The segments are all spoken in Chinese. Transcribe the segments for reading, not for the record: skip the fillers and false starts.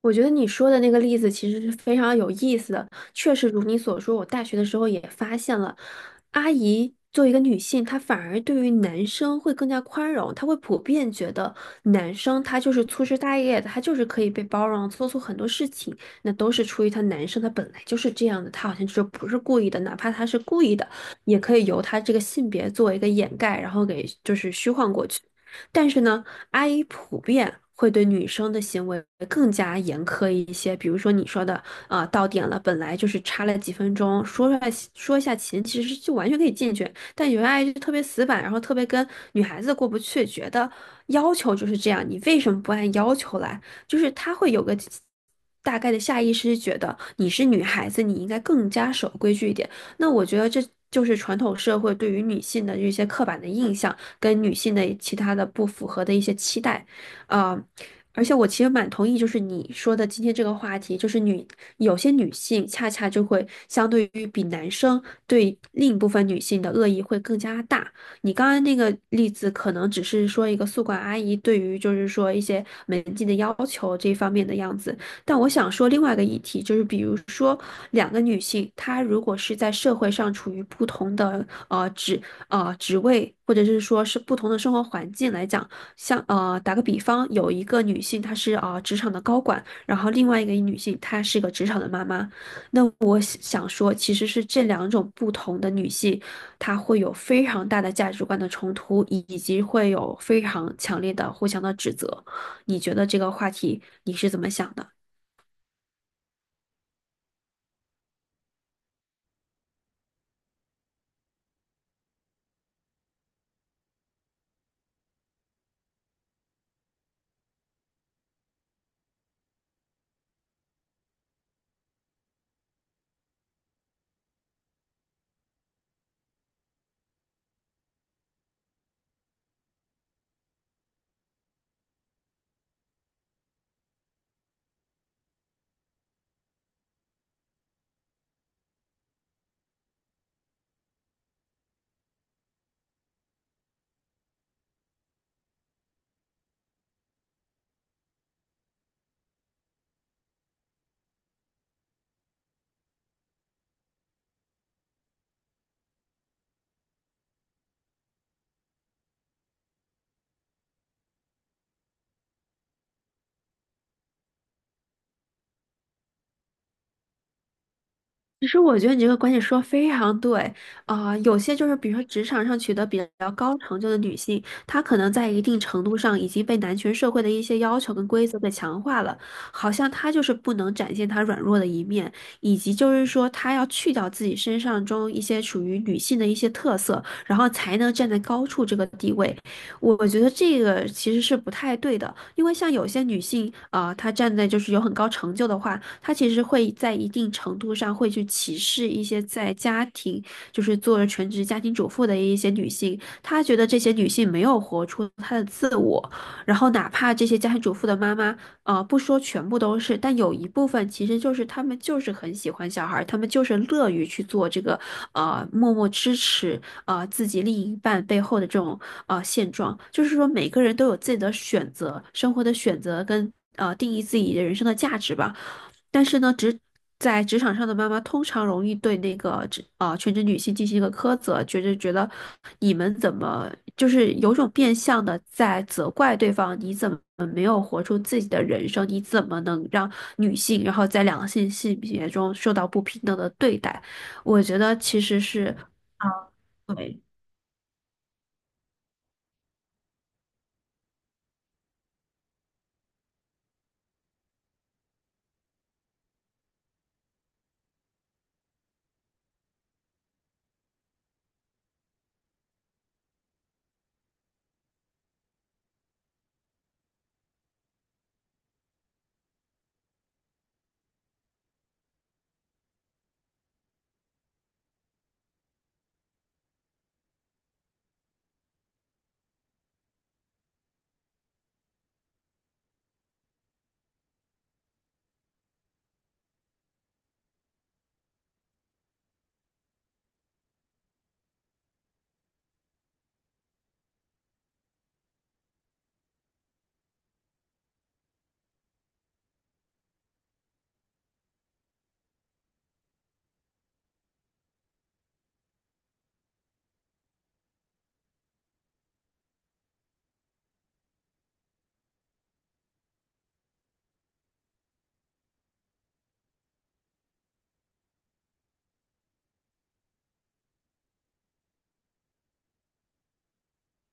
我觉得你说的那个例子其实是非常有意思的，确实如你所说，我大学的时候也发现了，阿姨作为一个女性，她反而对于男生会更加宽容，她会普遍觉得男生他就是粗枝大叶的，他就是可以被包容，做出很多事情，那都是出于他男生他本来就是这样的，他好像就是不是故意的，哪怕他是故意的，也可以由他这个性别作为一个掩盖，然后给就是虚幻过去。但是呢，阿姨普遍会对女生的行为更加严苛一些。比如说你说的，到点了，本来就是差了几分钟，说出来说一下勤，其实就完全可以进去。但有些阿姨就特别死板，然后特别跟女孩子过不去，觉得要求就是这样，你为什么不按要求来？就是她会有个，大概的下意识觉得你是女孩子，你应该更加守规矩一点。那我觉得这就是传统社会对于女性的一些刻板的印象，跟女性的其他的不符合的一些期待，啊、而且我其实蛮同意，就是你说的今天这个话题，就是有些女性恰恰就会相对于比男生对另一部分女性的恶意会更加大。你刚刚那个例子可能只是说一个宿管阿姨对于就是说一些门禁的要求这方面的样子，但我想说另外一个议题，就是比如说两个女性，她如果是在社会上处于不同的职位，或者是说是不同的生活环境来讲，像打个比方，有一个女性她是职场的高管，然后另外一个女性她是个职场的妈妈，那我想说，其实是这两种不同的女性，她会有非常大的价值观的冲突，以及会有非常强烈的互相的指责。你觉得这个话题你是怎么想的？其实我觉得你这个观点说得非常对。有些就是比如说职场上取得比较高成就的女性，她可能在一定程度上已经被男权社会的一些要求跟规则给强化了，好像她就是不能展现她软弱的一面，以及就是说她要去掉自己身上中一些属于女性的一些特色，然后才能站在高处这个地位。我觉得这个其实是不太对的，因为像有些女性她站在就是有很高成就的话。他其实会在一定程度上会去歧视一些在家庭，就是做了全职家庭主妇的一些女性，他觉得这些女性没有活出她的自我，然后哪怕这些家庭主妇的妈妈，不说全部都是，但有一部分其实就是她们就是很喜欢小孩儿，她们就是乐于去做这个，默默支持自己另一半背后的这种现状，就是说每个人都有自己的选择，生活的选择跟定义自己的人生的价值吧。但是呢，在职场上的妈妈通常容易对那个全职女性进行一个苛责，觉得你们怎么就是有种变相的在责怪对方，你怎么没有活出自己的人生？你怎么能让女性然后在两性性别中受到不平等的对待？我觉得其实是。对。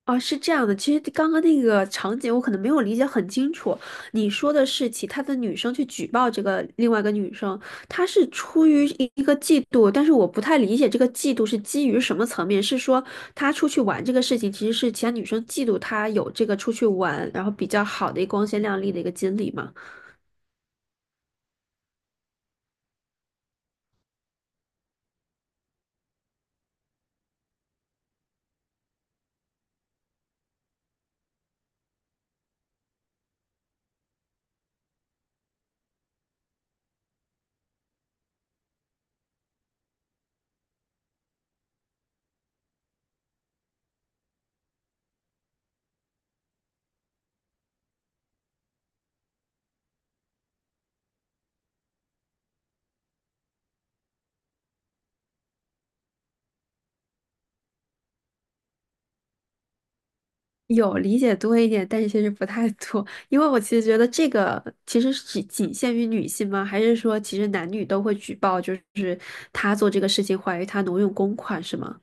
哦，是这样的，其实刚刚那个场景我可能没有理解很清楚。你说的是其他的女生去举报这个另外一个女生，她是出于一个嫉妒，但是我不太理解这个嫉妒是基于什么层面？是说她出去玩这个事情，其实是其他女生嫉妒她有这个出去玩，然后比较好的一个光鲜亮丽的一个经历吗？有理解多一点，但是其实不太多，因为我其实觉得这个其实是仅仅限于女性吗？还是说其实男女都会举报，就是他做这个事情怀疑他挪用公款是吗？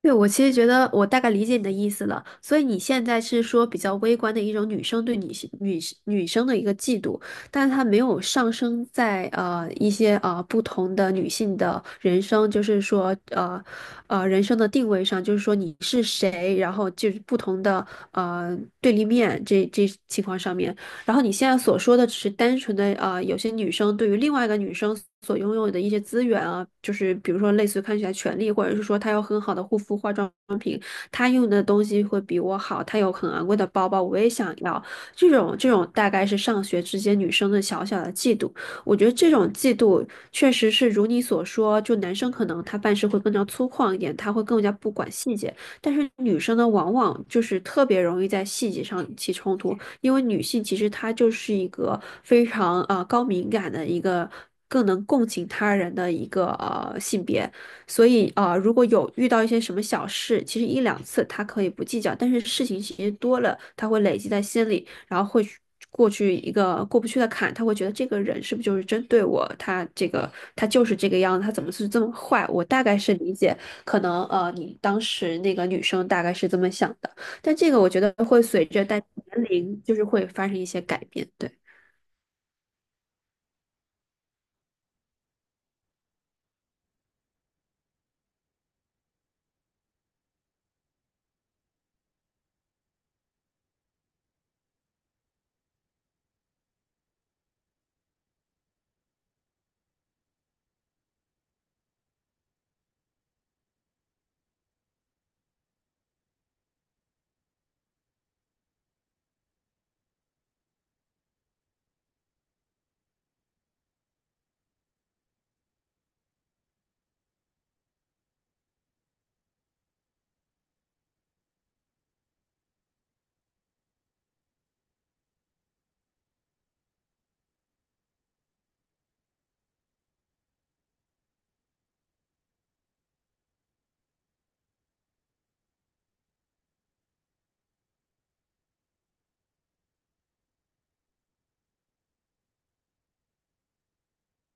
对，我其实觉得我大概理解你的意思了，所以你现在是说比较微观的一种女生对女生的一个嫉妒，但是她没有上升在一些不同的女性的人生，就是说人生的定位上，就是说你是谁，然后就是不同的对立面这情况上面，然后你现在所说的只是单纯的有些女生对于另外一个女生所拥有的一些资源啊，就是比如说类似于看起来权利，或者是说她有很好的护肤化妆品，她用的东西会比我好，她有很昂贵的包包，我也想要。这种大概是上学之间女生的小小的嫉妒。我觉得这种嫉妒确实是如你所说，就男生可能他办事会更加粗犷一点，他会更加不管细节，但是女生呢，往往就是特别容易在细节上起冲突。因为女性其实她就是一个非常高敏感的一个。更能共情他人的一个性别，所以如果有遇到一些什么小事，其实一两次她可以不计较，但是事情其实多了，她会累积在心里，然后会去过去一个过不去的坎，她会觉得这个人是不是就是针对我？他这个他就是这个样子，他怎么是这么坏？我大概是理解，可能你当时那个女生大概是这么想的。但这个我觉得会随着大家年龄，就是会发生一些改变。对。